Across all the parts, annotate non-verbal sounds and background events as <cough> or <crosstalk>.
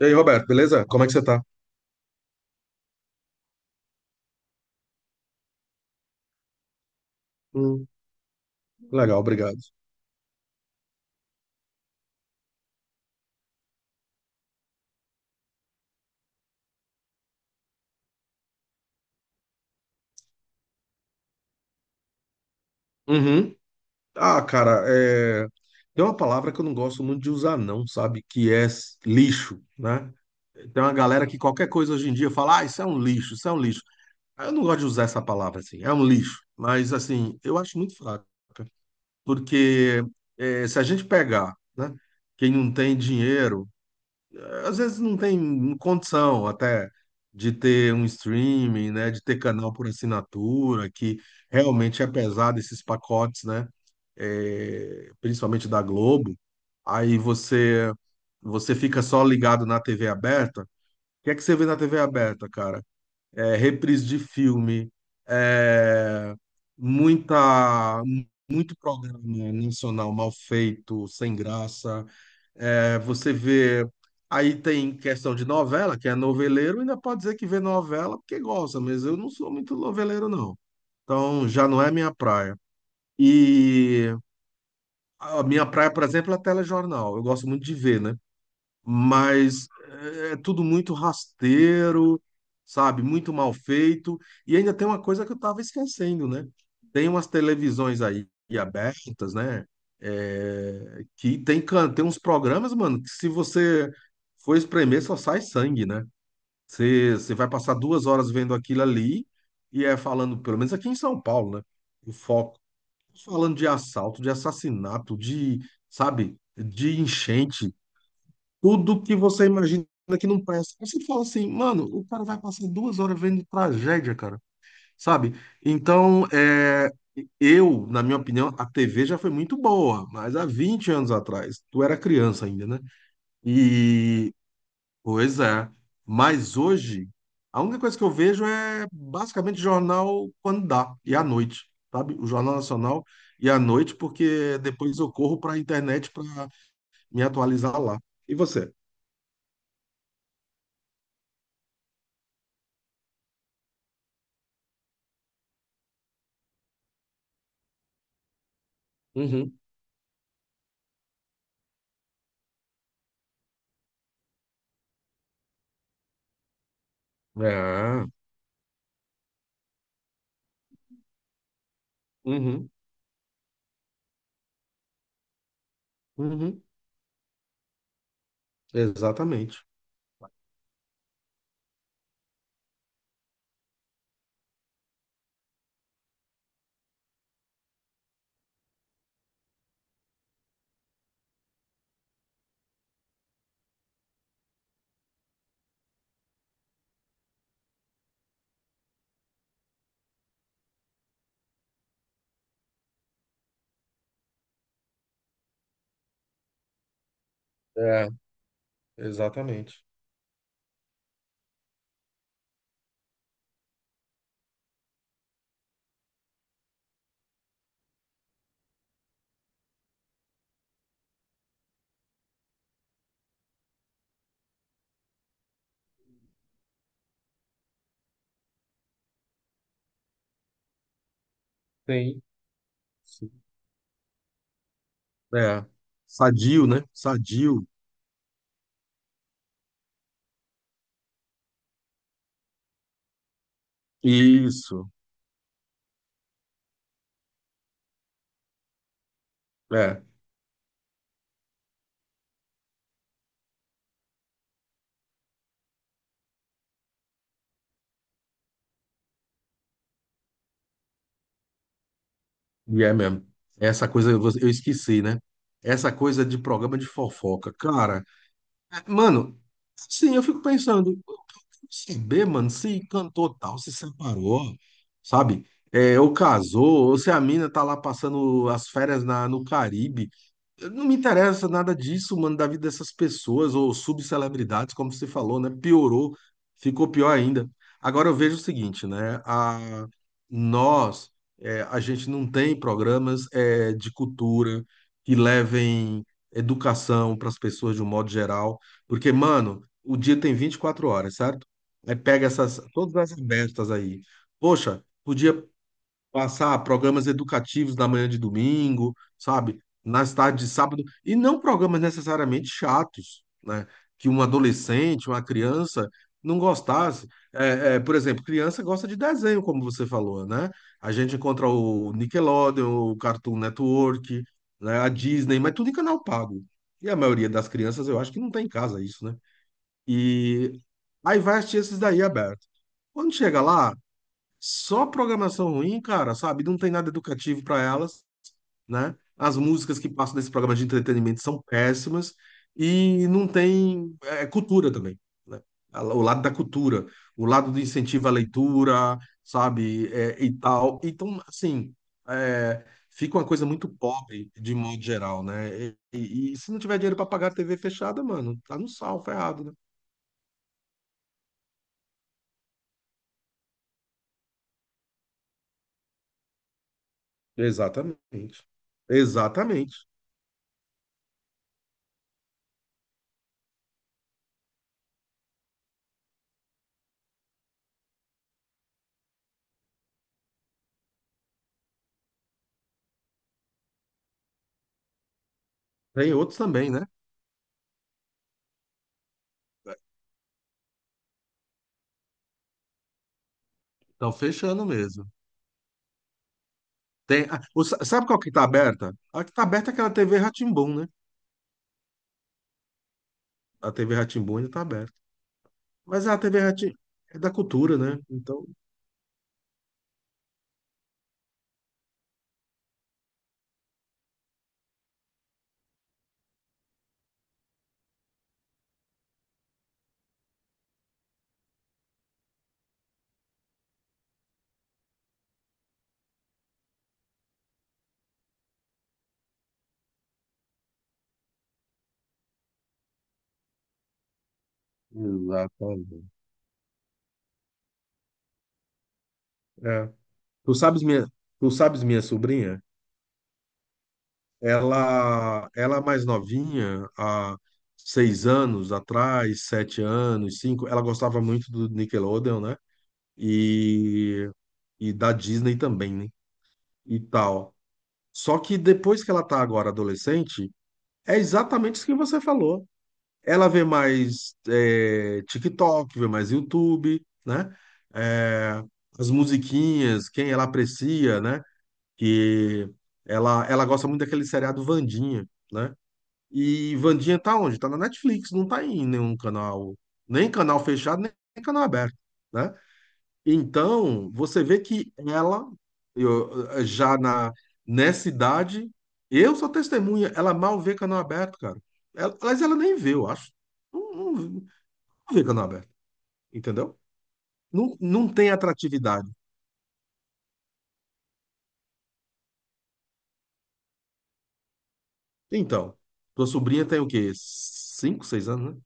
E aí, Roberto, beleza? Como é que você tá? Hum. Legal, obrigado. Uhum. Ah, cara, tem uma palavra que eu não gosto muito de usar, não, sabe? Que é lixo, né? Tem uma galera que qualquer coisa hoje em dia fala, ah, isso é um lixo, isso é um lixo. Ah, eu não gosto de usar essa palavra assim, é um lixo. Mas, assim, eu acho muito fraca. Porque se a gente pegar, né, quem não tem dinheiro, às vezes não tem condição até de ter um streaming, né, de ter canal por assinatura, que realmente é pesado esses pacotes, né, principalmente da Globo. Aí você fica só ligado na TV aberta. O que é que você vê na TV aberta, cara? É reprise de filme, é muita muito programa nacional mal feito, sem graça. É, você vê. Aí tem questão de novela, que é noveleiro, ainda pode dizer que vê novela porque gosta, mas eu não sou muito noveleiro, não. Então já não é minha praia. E a minha praia, por exemplo, é telejornal. Eu gosto muito de ver, né? Mas é tudo muito rasteiro, sabe? Muito mal feito. E ainda tem uma coisa que eu estava esquecendo, né? Tem umas televisões aí abertas, né? É, que tem, tem uns programas, mano, que se você for espremer, só sai sangue, né? Você vai passar 2 horas vendo aquilo ali e é falando, pelo menos aqui em São Paulo, né? O foco falando de assalto, de assassinato, de, sabe, de enchente, tudo que você imagina que não presta. Aí, você fala assim, mano, o cara vai passar 2 horas vendo tragédia, cara, sabe? Então, eu, na minha opinião, a TV já foi muito boa, mas há 20 anos atrás, tu era criança ainda, né? E, pois é, mas hoje, a única coisa que eu vejo é basicamente jornal quando dá, e à noite, sabe? O Jornal Nacional e à noite, porque depois eu corro para a internet para me atualizar lá. E você? Ah, uhum, uhum, exatamente. É, exatamente. Tem. Sim. É. Sadio, né? Sadio. Isso. É, e é mesmo. Essa coisa eu esqueci, né? Essa coisa de programa de fofoca. Cara, mano, sim, eu fico pensando, saber, mano, se cantor tal se separou, sabe? É, ou casou, ou se a mina tá lá passando as férias no Caribe. Não me interessa nada disso, mano, da vida dessas pessoas ou subcelebridades, como você falou, né? Piorou, ficou pior ainda. Agora eu vejo o seguinte, né? Nós, a gente não tem programas de cultura que levem educação para as pessoas de um modo geral, porque, mano, o dia tem 24 horas, certo? Aí pega essas, todas essas bestas aí. Poxa, podia passar programas educativos na manhã de domingo, sabe? Nas tardes de sábado, e não programas necessariamente chatos, né? Que um adolescente, uma criança não gostasse. É, é, por exemplo, criança gosta de desenho, como você falou, né? A gente encontra o Nickelodeon, o Cartoon Network, né? A Disney, mas tudo em canal pago. E a maioria das crianças, eu acho que não tem em casa isso, né? E aí vai assistir esses daí aberto. Quando chega lá, só programação ruim, cara, sabe? Não tem nada educativo para elas, né? As músicas que passam nesse programa de entretenimento são péssimas e não tem cultura também, né? O lado da cultura, o lado do incentivo à leitura, sabe? É, e tal. Então, assim, fica uma coisa muito pobre de modo geral, né? E, e se não tiver dinheiro para pagar a TV fechada, mano, tá no sal, ferrado, né? Exatamente. Exatamente. Tem outros também, né? Estão fechando mesmo. Tem, ah, o sabe qual que tá aberta? A que tá aberta é aquela TV rá tim, né? A TV rá tim ainda tá aberta. Mas é a TV rá é da cultura, né? Então. Exatamente. É. Tu sabes minha, tu sabes minha sobrinha? Ela é mais novinha, há 6 anos atrás, 7 anos, cinco, ela gostava muito do Nickelodeon, né? E, e da Disney também, né? E tal. Só que depois que ela tá agora adolescente, é exatamente isso que você falou. Ela vê mais TikTok, vê mais YouTube, né? É, as musiquinhas, quem ela aprecia, né? Que ela gosta muito daquele seriado Wandinha, né? E Wandinha tá onde? Tá na Netflix, não tá em nenhum canal, nem canal fechado, nem canal aberto, né? Então, você vê que ela, eu, já nessa idade, eu sou testemunha, ela mal vê canal aberto, cara. Ela, aliás, ela nem vê, eu acho. Não, não, não vê canal aberto, entendeu? Não, não tem atratividade. Então, tua sobrinha tem o quê? 5, 6 anos, né?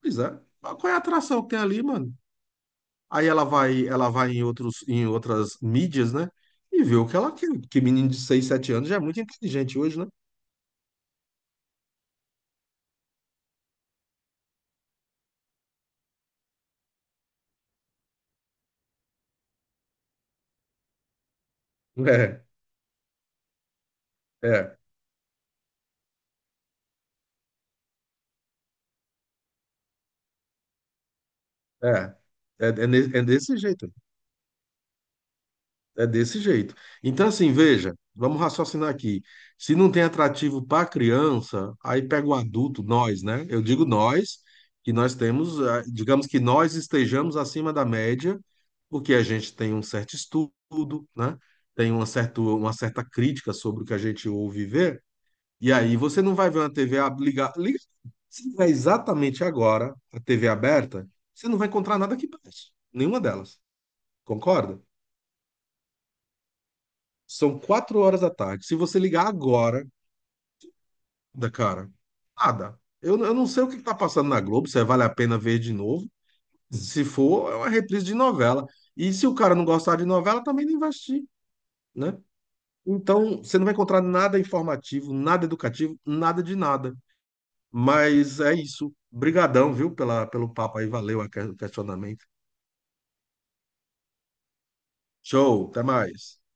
Pois é. Mas qual é a atração que tem ali, mano? Aí ela vai em outros, em outras mídias, né? E vê o que ela quer. Porque menino de 6, 7 anos já é muito inteligente hoje, né? <laughs> É, é. É, é, é, é desse jeito, é desse jeito. Então, assim, veja, vamos raciocinar aqui. Se não tem atrativo para criança, aí pega o adulto, nós, né? Eu digo nós, que nós temos, ah, digamos que nós estejamos acima da média, porque a gente tem um certo estudo, né? Tem uma certa crítica sobre o que a gente ouve e vê, e aí você não vai ver uma TV ligar. Se tiver exatamente agora a TV aberta, você não vai encontrar nada que preste, nenhuma delas. Concorda? São 4 horas da tarde. Se você ligar agora, da cara, nada. Eu não sei o que está passando na Globo, se é vale a pena ver de novo. Se for, é uma reprise de novela. E se o cara não gostar de novela, também não investir, né? Então, você não vai encontrar nada informativo, nada educativo, nada de nada. Mas é isso. Brigadão, viu, pelo papo aí. Valeu o questionamento. Show, até mais.